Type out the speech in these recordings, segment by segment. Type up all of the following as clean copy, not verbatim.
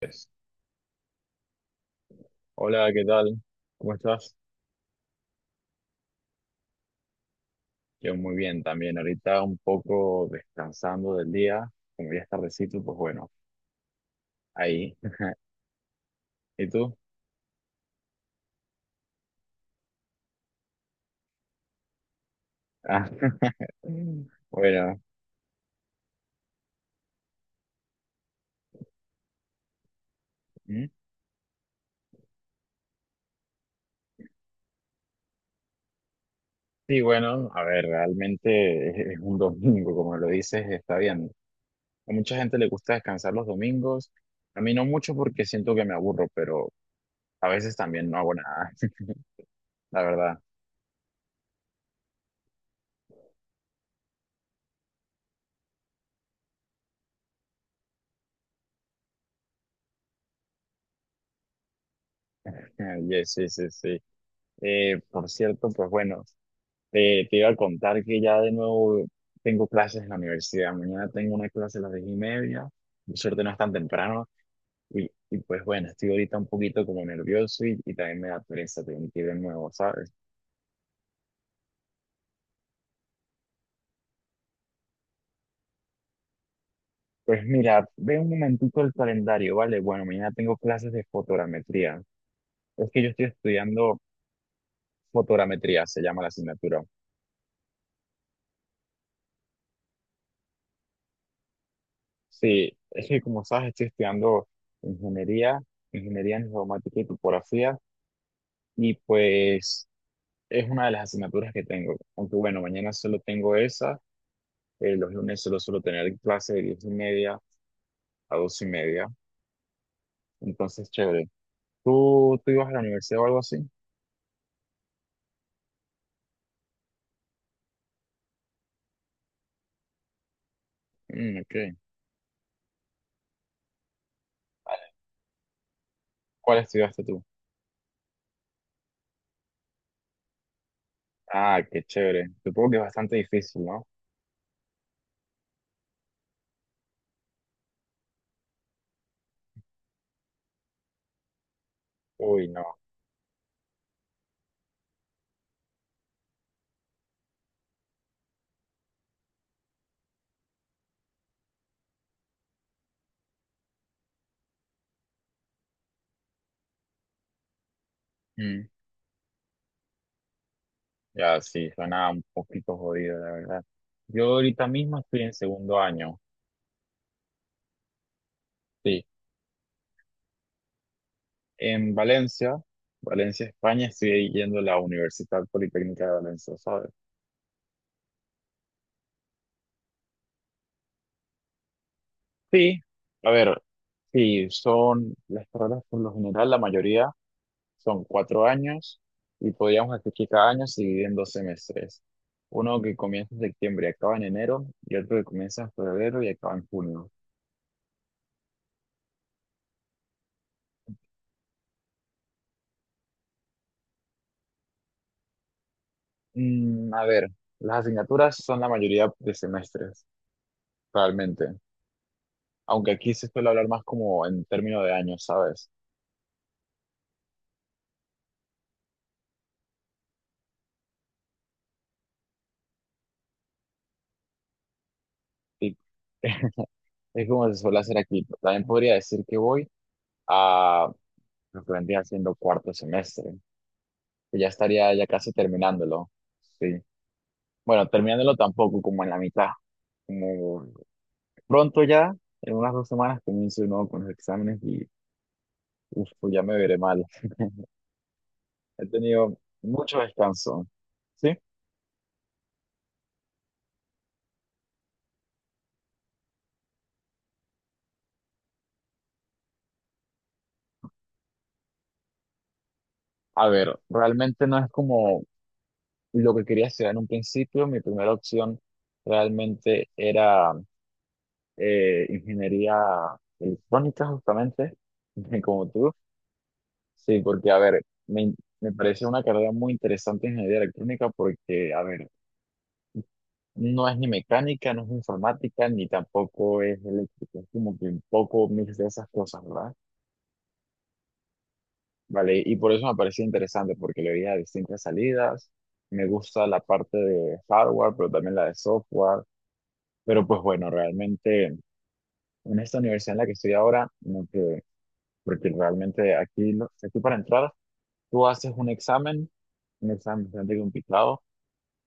Pues, hola, ¿qué tal? ¿Cómo estás? Yo muy bien también. Ahorita un poco descansando del día. Como ya es tardecito, pues bueno, ahí. ¿Y tú? Ah, bueno. ¿Mm? Sí, bueno, a ver, realmente es un domingo, como lo dices, está bien. A mucha gente le gusta descansar los domingos. A mí no mucho porque siento que me aburro, pero a veces también no hago nada, la verdad. Yes, sí, sí, sí. Por cierto, pues bueno. Te iba a contar que ya de nuevo tengo clases en la universidad. Mañana tengo una clase a las 10:30. Por suerte no es tan temprano. Y pues bueno, estoy ahorita un poquito como nervioso y también me da pereza tener que ir de nuevo, ¿sabes? Pues mira, ve un momentito el calendario, ¿vale? Bueno, mañana tengo clases de fotogrametría. Es que yo estoy estudiando fotogrametría, se llama la asignatura. Sí, es que como sabes, estoy estudiando ingeniería, ingeniería en geomática y topografía. Y pues es una de las asignaturas que tengo. Aunque bueno, mañana solo tengo esa, los lunes solo suelo tener clase de 10:30 a 12:30. Entonces, chévere. ¿Tú ibas a la universidad o algo así? Mm, ok. ¿Cuál estudiaste tú? Ah, qué chévere. Supongo que es bastante difícil, ¿no? Uy, no. Mm, ya, sí, suena un poquito jodido, la verdad. Yo ahorita mismo estoy en segundo año, sí. En Valencia, Valencia, España, estoy yendo a la Universidad Politécnica de Valencia, ¿sabes? Sí, a ver, sí, son las carreras por lo general, la mayoría son 4 años y podríamos hacer que cada año se divide en 2 semestres. Uno que comienza en septiembre y acaba en enero y otro que comienza en febrero y acaba en junio. A ver, las asignaturas son la mayoría de semestres, realmente. Aunque aquí se suele hablar más como en términos de años, ¿sabes? Y es como se suele hacer aquí. También podría decir que voy a lo que vendría siendo cuarto semestre, que ya estaría ya casi terminándolo. Sí. Bueno, terminándolo tampoco, como en la mitad. Como pronto ya, en unas 2 semanas comienzo de nuevo con los exámenes y uf, pues ya me veré mal. He tenido mucho descanso. Sí. A ver, realmente no es como lo que quería estudiar en un principio. Mi primera opción realmente era ingeniería electrónica, justamente, como tú. Sí, porque, a ver, me, me parece una carrera muy interesante en ingeniería electrónica porque, a ver, no es ni mecánica, no es informática, ni tampoco es eléctrica. Es como que un poco mix de esas cosas, ¿verdad? Vale, y por eso me pareció interesante porque le veía distintas salidas. Me gusta la parte de hardware, pero también la de software. Pero pues bueno, realmente en esta universidad en la que estoy ahora, no quedé, porque realmente aquí, aquí para entrar, tú haces un examen bastante complicado.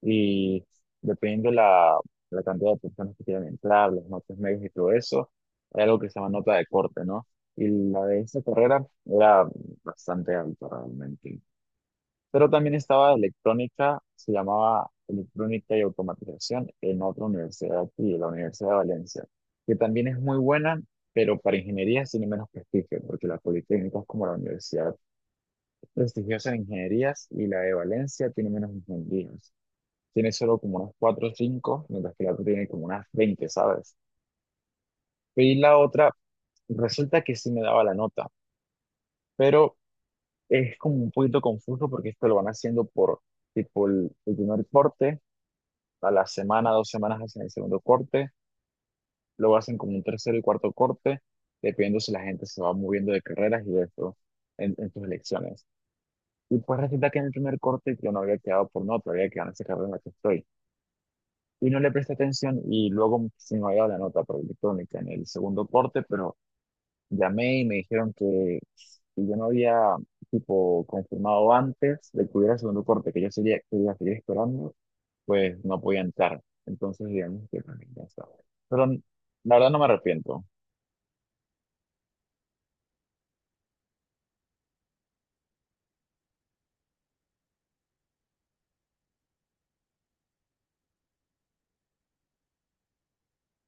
Y depende la, cantidad de personas que quieran entrar, los notas medias y todo eso, hay algo que se llama nota de corte, ¿no? Y la de esta carrera era bastante alta realmente. Pero también estaba electrónica, se llamaba electrónica y automatización en otra universidad aquí, la Universidad de Valencia, que también es muy buena, pero para ingenierías tiene menos prestigio, porque la Politécnica es como la universidad prestigiosa en ingenierías y la de Valencia tiene menos ingenierías, tiene solo como unas 4 o 5 mientras que la otra tiene como unas 20, ¿sabes? Y la otra, resulta que sí me daba la nota, pero es como un poquito confuso porque esto lo van haciendo por tipo el primer corte, a la semana, 2 semanas hacen el segundo corte, luego hacen como un tercero y cuarto corte, dependiendo si la gente se va moviendo de carreras y de esto en, sus elecciones. Y pues resulta que en el primer corte yo no había quedado por nota, había quedado en esa carrera en la que estoy, y no le presté atención y luego se me había dado la nota por electrónica en el segundo corte, pero llamé y me dijeron que si yo no había tipo confirmado antes de que hubiera el segundo corte, que yo sería, que iba a seguir esperando, pues no podía entrar. Entonces, digamos que también ya estaba. Pero la verdad no me arrepiento.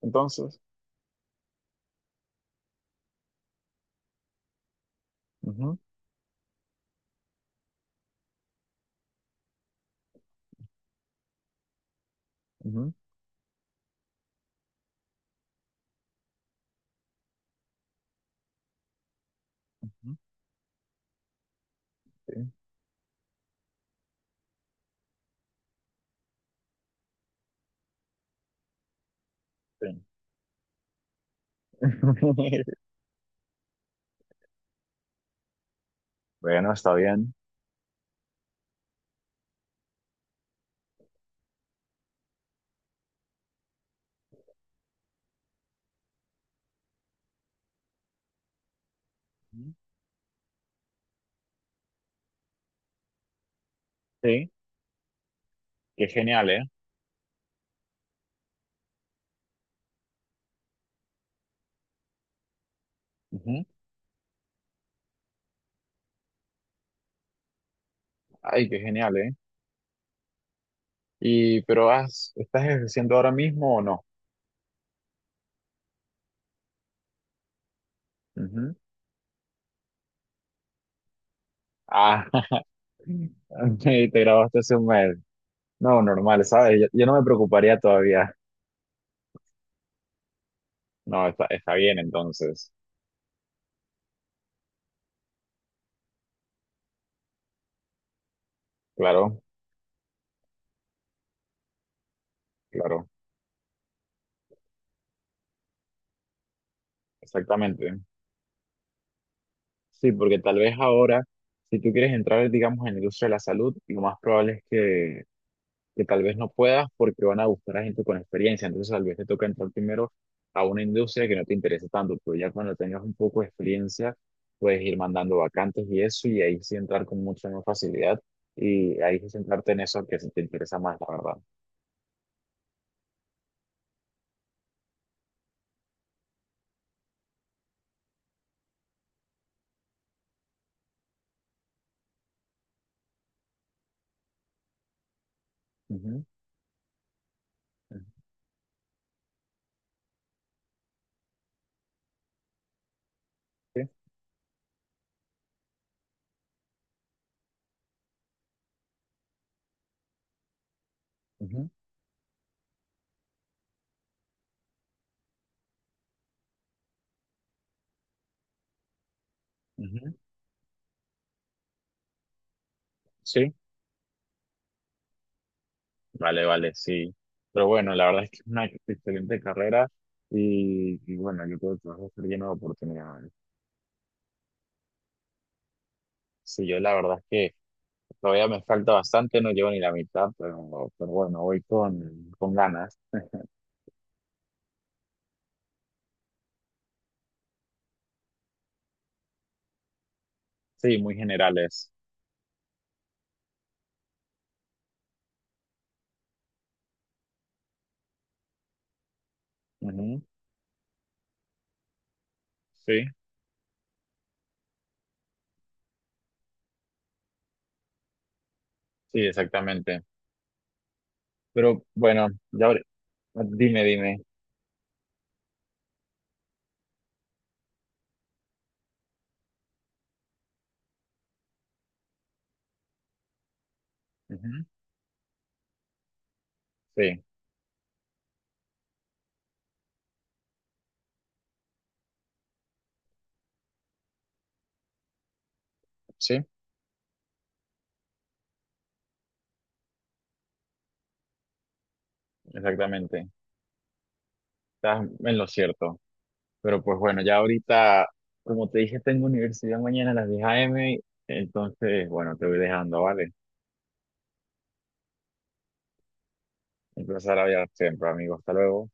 Entonces, ujú, ujú, ujú, sí, sí. Bueno, está bien. Sí, qué genial, ¿eh? Ujú. Ay, qué genial, ¿eh? Y, pero has, ¿estás ejerciendo ahora mismo o no? Ujú. Ah, te grabaste hace un mes. No, normal, ¿sabes? yo no me preocuparía todavía. No, está bien entonces. Claro, claro, exactamente. Sí, porque tal vez ahora, si tú quieres entrar, digamos, en la industria de la salud, lo más probable es que tal vez no puedas porque van a buscar a gente con experiencia. Entonces, tal vez te toca entrar primero a una industria que no te interesa tanto, pero ya cuando tengas un poco de experiencia, puedes ir mandando vacantes y eso, y ahí sí entrar con mucha más facilidad y ahí sí centrarte en eso que sí te interesa más, la verdad. Ujú, ujú, sí, ujú, ujú, sí, vale, vale, sí. Pero bueno, la verdad es que es una excelente carrera y bueno, yo creo que vas a estar lleno de oportunidades. Sí, yo la verdad es que todavía me falta bastante, no llevo ni la mitad, pero bueno, voy con, ganas. Sí, muy generales. Ujú. Sí, sí, exactamente. Pero bueno, ya dime, dime. Ujú. Sí, sí, exactamente. Estás en lo cierto. Pero pues bueno, ya ahorita, como te dije, tengo universidad mañana a las 10 a. m. Entonces, bueno, te voy dejando, ¿vale? Un placer hablar siempre, amigo. Hasta luego.